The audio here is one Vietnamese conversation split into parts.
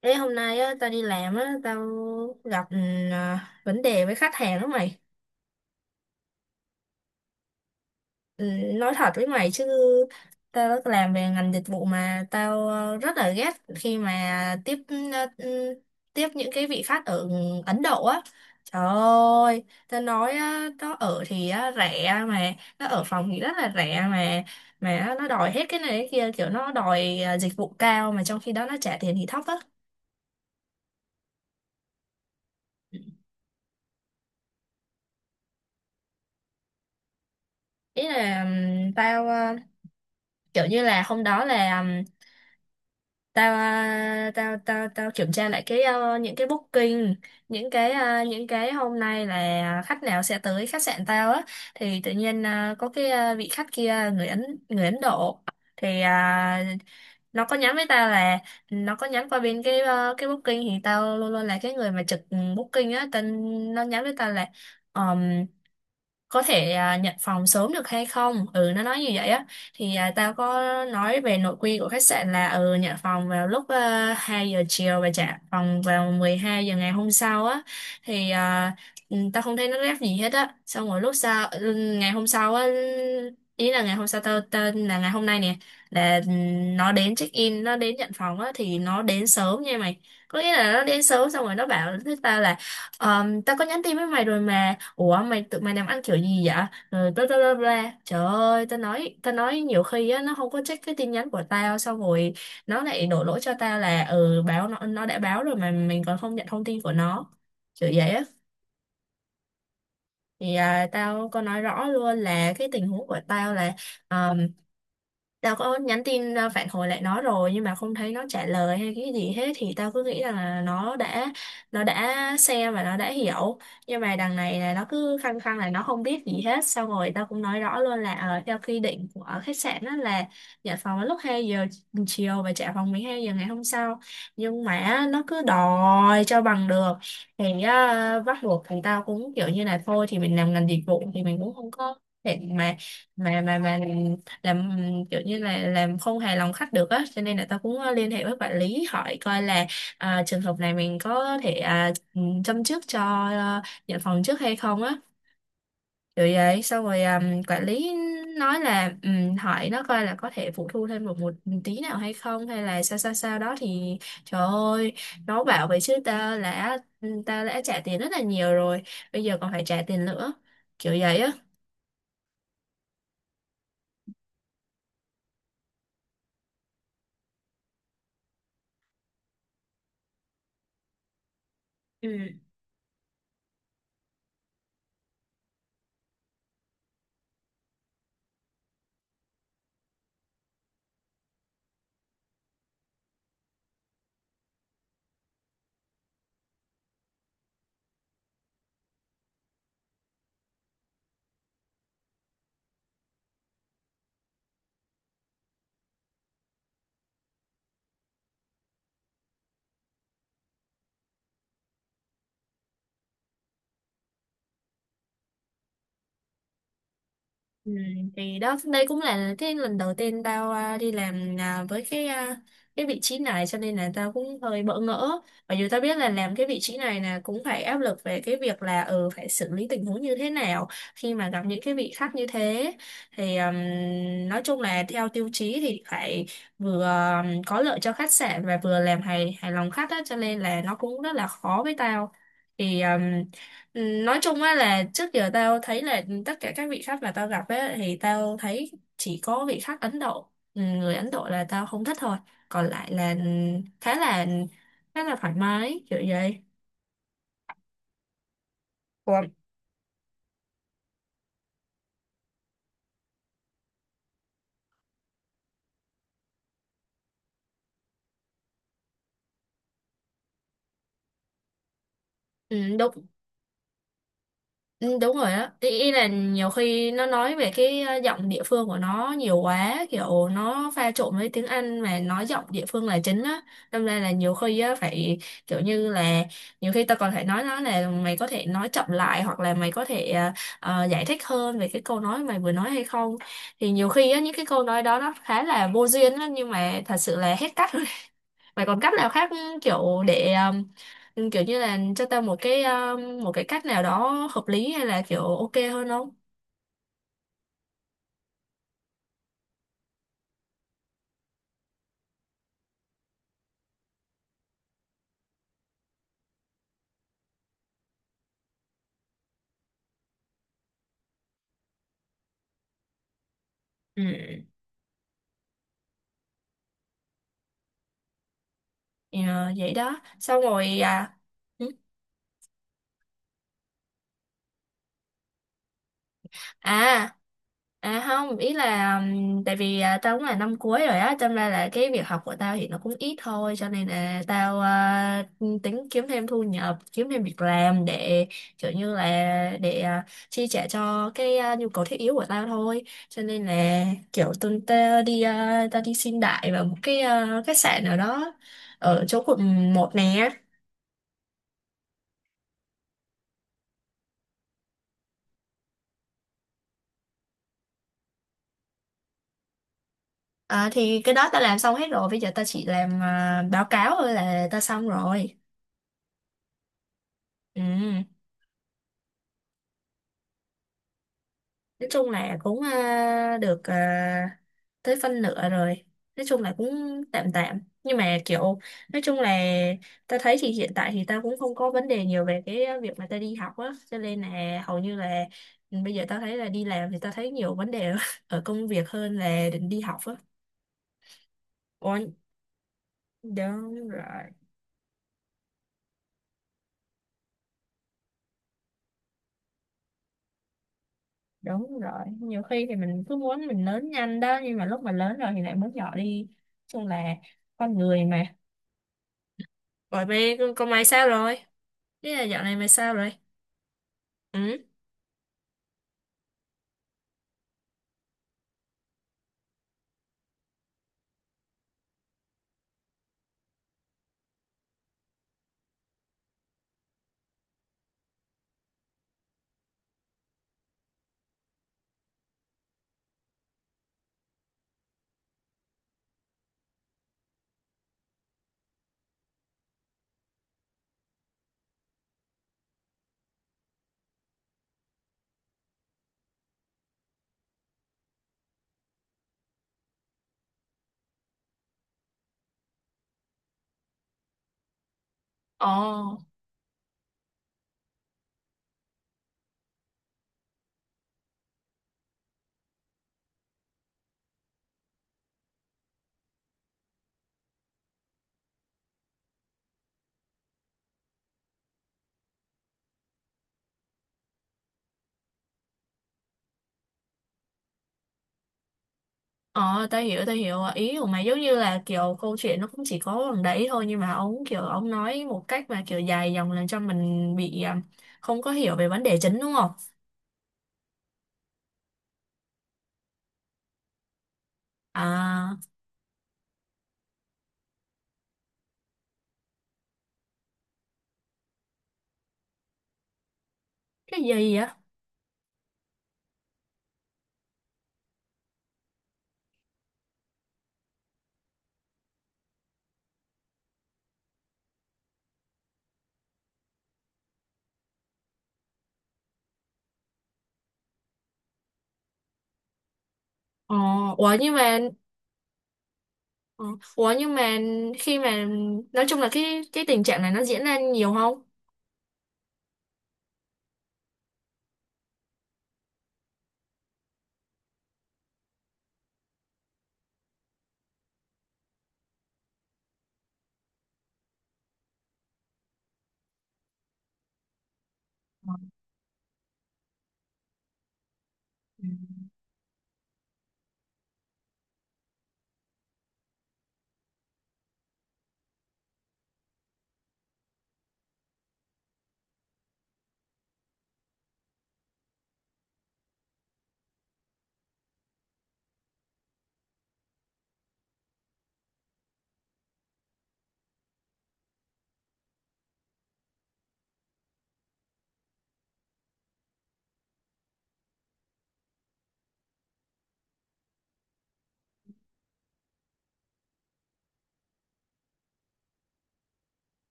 Ê, hôm nay á, tao đi làm á, tao gặp vấn đề với khách hàng đó mày. Ừ, nói thật với mày chứ, tao đã làm về ngành dịch vụ mà tao rất là ghét khi mà tiếp ờ, ừ, tiếp những cái vị khách ở Ấn Độ á. Trời ơi, tao nói á, nó ở thì á, rẻ mà, nó ở phòng thì rất là rẻ mà nó đòi hết cái này cái kia, kiểu nó đòi dịch vụ cao mà trong khi đó nó trả tiền thì thấp á. Ý là tao kiểu như là hôm đó là tao tao kiểm tra lại cái những cái booking, những cái những cái hôm nay là khách nào sẽ tới khách sạn tao á. Thì tự nhiên có cái vị khách kia người Ấn, người Ấn Độ thì nó có nhắn với tao là nó có nhắn qua bên cái cái booking, thì tao luôn luôn là cái người mà trực booking á tên. Nó nhắn với tao là có thể nhận phòng sớm được hay không, ừ nó nói như vậy á. Thì tao có nói về nội quy của khách sạn là ừ nhận phòng vào lúc 2 giờ chiều và trả phòng vào 12 giờ ngày hôm sau á. Thì tao không thấy nó rep gì hết á, xong rồi lúc sau ngày hôm sau á, ý là ngày hôm sau tao tên là ngày hôm nay nè, là nó đến check in, nó đến nhận phòng á thì nó đến sớm nha mày. Có nghĩa là nó đến sớm xong rồi nó bảo với tao là: "Ờ, tao có nhắn tin với mày rồi mà, ủa mày tụi mày làm ăn kiểu gì vậy", rồi bla bla bla bla. Trời ơi tao nói, tao nói nhiều khi á nó không có check cái tin nhắn của tao, xong rồi nó lại đổ lỗi cho tao là ừ báo nó đã báo rồi mà mình còn không nhận thông tin của nó, kiểu vậy á. Thì tao có nói rõ luôn là cái tình huống của tao là um, tao có nhắn tin phản hồi lại nó rồi nhưng mà không thấy nó trả lời hay cái gì hết, thì tao cứ nghĩ rằng là nó đã xem và nó đã hiểu. Nhưng mà đằng này là nó cứ khăng khăng là nó không biết gì hết, xong rồi tao cũng nói rõ luôn là theo quy định của khách sạn đó là nhận phòng vào lúc 2 giờ chiều và trả phòng 12 giờ ngày hôm sau, nhưng mà nó cứ đòi cho bằng được. Thì á, bắt buộc thằng tao cũng kiểu như là thôi thì mình làm ngành dịch vụ thì mình cũng không có thể mà làm kiểu như là làm không hài lòng khách được á, cho nên là tao cũng liên hệ với quản lý hỏi coi là trường hợp này mình có thể châm chước cho à, nhận phòng trước hay không á. Rồi vậy xong rồi quản lý nói là hỏi nó coi là có thể phụ thu thêm một một tí nào hay không, hay là sao sao sao đó. Thì trời ơi, nó bảo vậy chứ ta đã trả tiền rất là nhiều rồi, bây giờ còn phải trả tiền nữa, kiểu vậy á. Ừ, thì đó đây cũng là cái lần đầu tiên tao đi làm với cái cái vị trí này, cho nên là tao cũng hơi bỡ ngỡ. Mặc dù tao biết là làm cái vị trí này là cũng phải áp lực về cái việc là ừ phải xử lý tình huống như thế nào khi mà gặp những cái vị khách như thế, thì nói chung là theo tiêu chí thì phải vừa có lợi cho khách sạn và vừa làm hài hài lòng khách đó, cho nên là nó cũng rất là khó với tao. Thì ừ, nói chung á là trước giờ tao thấy là tất cả các vị khách mà tao gặp á thì tao thấy chỉ có vị khách Ấn Độ, ừ, người Ấn Độ là tao không thích thôi, còn lại là khá là khá là thoải mái, kiểu vậy. Ủa, ừ, đúng. Ừ, đúng rồi đó. Ý là nhiều khi nó nói về cái giọng địa phương của nó nhiều quá, kiểu nó pha trộn với tiếng Anh mà nói giọng địa phương là chính á, đâm ra là nhiều khi á phải kiểu như là nhiều khi ta còn phải nói nó là mày có thể nói chậm lại, hoặc là mày có thể giải thích hơn về cái câu nói mày vừa nói hay không. Thì nhiều khi á những cái câu nói đó nó khá là vô duyên á, nhưng mà thật sự là hết cách. Mày còn cách nào khác kiểu để kiểu như là cho tao một cái cách nào đó hợp lý, hay là kiểu ok hơn không? Ừ. Ờ, vậy đó xong rồi ừ. à không, ý là tại vì tao cũng là năm cuối rồi á, cho nên là cái việc học của tao thì nó cũng ít thôi, cho nên là tao tính kiếm thêm thu nhập, kiếm thêm việc làm để kiểu như là để chi trả cho cái nhu cầu thiết yếu của tao thôi. Cho nên là kiểu tuần tao đi tao đi xin đại vào một cái khách sạn nào đó ở chỗ quận 1 nè. À, thì cái đó ta làm xong hết rồi, bây giờ ta chỉ làm báo cáo thôi là ta xong rồi. Ừ. Nói chung là cũng được tới phân nửa rồi. Nói chung là cũng tạm tạm nhưng mà kiểu nói chung là ta thấy thì hiện tại thì ta cũng không có vấn đề nhiều về cái việc mà ta đi học á, cho nên là hầu như là ừ, bây giờ ta thấy là đi làm thì ta thấy nhiều vấn đề ở công việc hơn là định đi học á. Ủa, đúng rồi, đúng rồi, nhiều khi thì mình cứ muốn mình lớn nhanh đó, nhưng mà lúc mà lớn rồi thì lại muốn nhỏ đi. Nói chung là con người mà. Rồi bé con Mai sao rồi? Ý là dạo này mày sao rồi? Ừ. Ồ, ồ, tao hiểu, tao hiểu. Ý của mày giống như là kiểu câu chuyện nó cũng chỉ có bằng đấy thôi, nhưng mà ông kiểu ông nói một cách mà kiểu dài dòng, làm cho mình bị không có hiểu về vấn đề chính, đúng không? À, cái gì vậy? Ồ, ủa nhưng mà ờ, ủa nhưng mà khi mà nói chung là cái tình trạng này nó diễn ra nhiều không?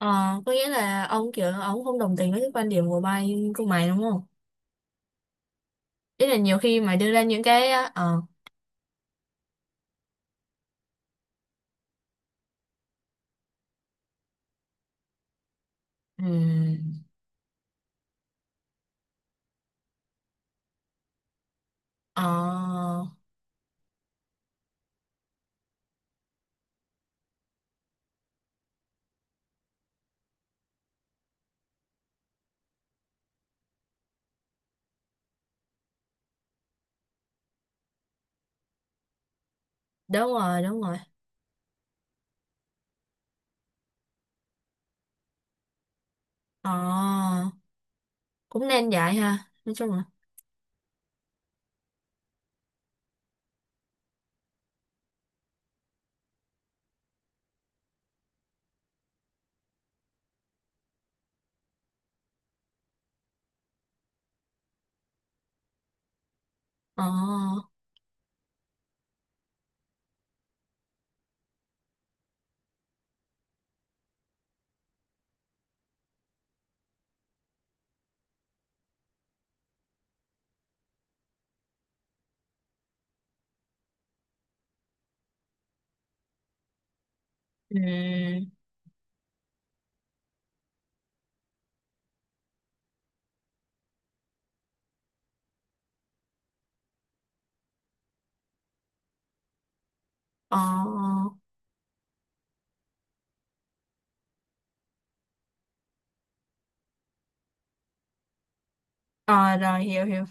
Ờ, có nghĩa là ông kiểu ông không đồng tình với cái quan điểm của mày, của mày đúng không? Ý là nhiều khi mà đưa ra những cái ừ. Ờ, đúng rồi, đúng rồi. Ờ, cũng nên vậy ha. Nói chung là, ờ, ừ, ờ, ờ, Ờ, rồi, hiểu, hiểu.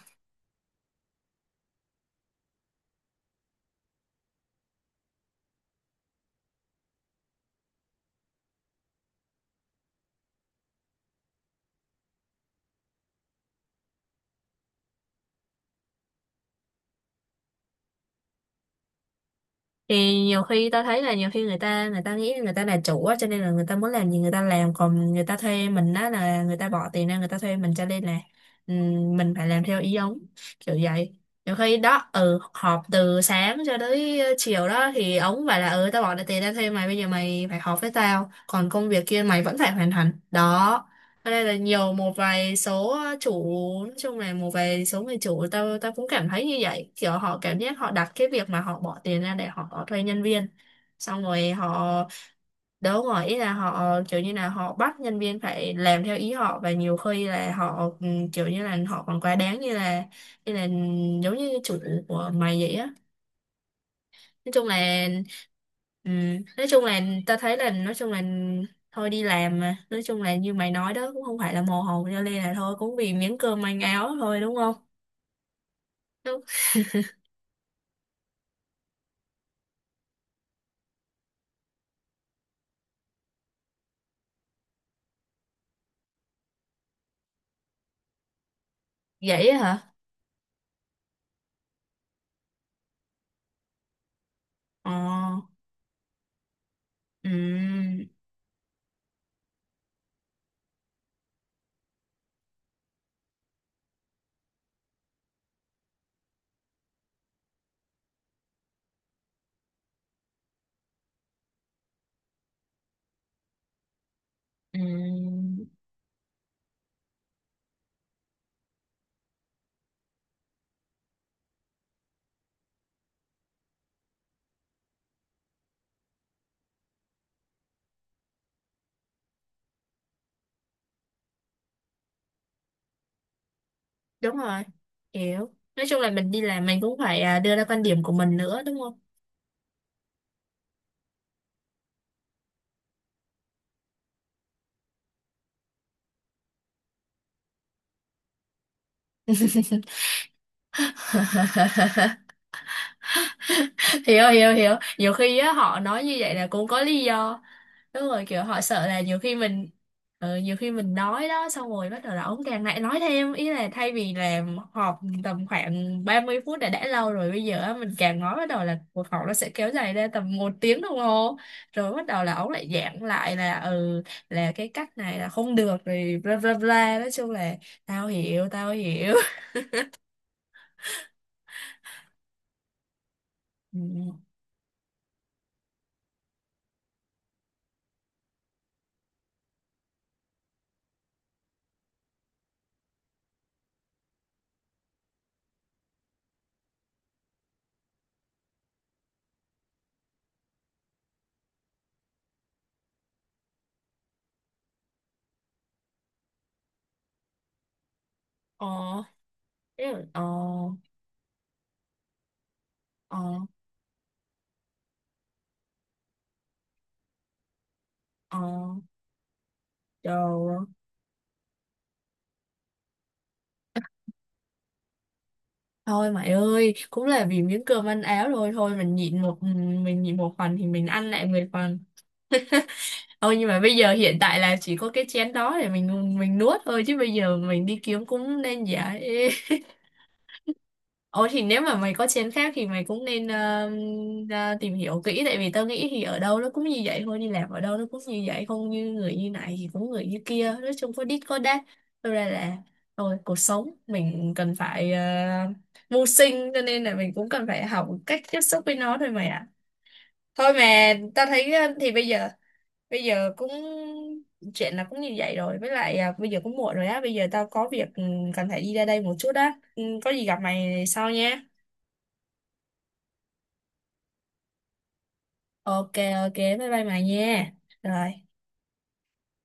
Thì nhiều khi tao thấy là nhiều khi người ta nghĩ người ta là chủ á, cho nên là người ta muốn làm gì người ta làm. Còn người ta thuê mình á là người ta bỏ tiền ra người ta thuê mình, cho nên là mình phải làm theo ý ông, kiểu vậy. Nhiều khi đó ừ họp từ sáng cho tới chiều đó, thì ông phải là ừ tao bỏ ra tiền ra thuê mày, bây giờ mày phải họp với tao, còn công việc kia mày vẫn phải hoàn thành đó. Ở đây là nhiều một vài số chủ, nói chung là một vài số người chủ tao, tao cũng cảm thấy như vậy, kiểu họ cảm giác họ đặt cái việc mà họ bỏ tiền ra để họ thuê nhân viên, xong rồi họ đấu ngỏ ý là họ kiểu như là họ bắt nhân viên phải làm theo ý họ. Và nhiều khi là họ kiểu như là họ còn quá đáng như là giống như chủ của mày vậy á. Nói chung là ừ, nói chung là ta thấy là nói chung là thôi đi làm mà, nói chung là như mày nói đó cũng không phải là mồ hồ, cho nên là thôi cũng vì miếng cơm manh áo thôi đúng không? Đúng. Vậy á hả? ờ ừ, ừ, Đúng rồi. Hiểu, nói chung là mình đi làm mình cũng phải đưa ra quan điểm của mình nữa, đúng không? Hiểu, hiểu, hiểu. Nhiều khi á họ nói như vậy là cũng có lý do. Đúng rồi, kiểu họ sợ là nhiều khi mình nhiều khi mình nói đó, xong rồi bắt đầu là ông càng lại nói thêm. Ý là thay vì là họp tầm khoảng 30 phút đã lâu rồi, bây giờ á, mình càng nói bắt đầu là cuộc họp nó sẽ kéo dài ra tầm một tiếng đồng hồ. Rồi bắt đầu là ông lại giảng lại là ừ là cái cách này là không được rồi bla bla bla, nói chung là tao hiểu, tao hiểu. Ừ, ờ ừ, ờ ờ ờ Thôi mày ơi, cũng là vì miếng cơm ăn áo thôi, thôi mình nhịn một mình nhịn một phần thì mình ăn lại 10 phần. Ôi nhưng mà bây giờ hiện tại là chỉ có cái chén đó để mình nuốt thôi, chứ bây giờ mình đi kiếm cũng nên dễ. Ồ thì nếu mà mày có chén khác thì mày cũng nên ra tìm hiểu kỹ, tại vì tao nghĩ thì ở đâu nó cũng như vậy thôi, đi làm ở đâu nó cũng như vậy, không như người như này thì cũng người như kia, nói chung có đít có đát. Thật ra là thôi, cuộc sống mình cần phải mưu sinh, cho nên là mình cũng cần phải học cách tiếp xúc với nó thôi mày ạ. Thôi mà tao thấy thì bây giờ, bây giờ cũng chuyện là cũng như vậy rồi. Với lại bây giờ cũng muộn rồi á, bây giờ tao có việc cần phải đi ra đây một chút á. Ừ, có gì gặp mày sau nha. Ok, ok, bye bye mày nha. Rồi.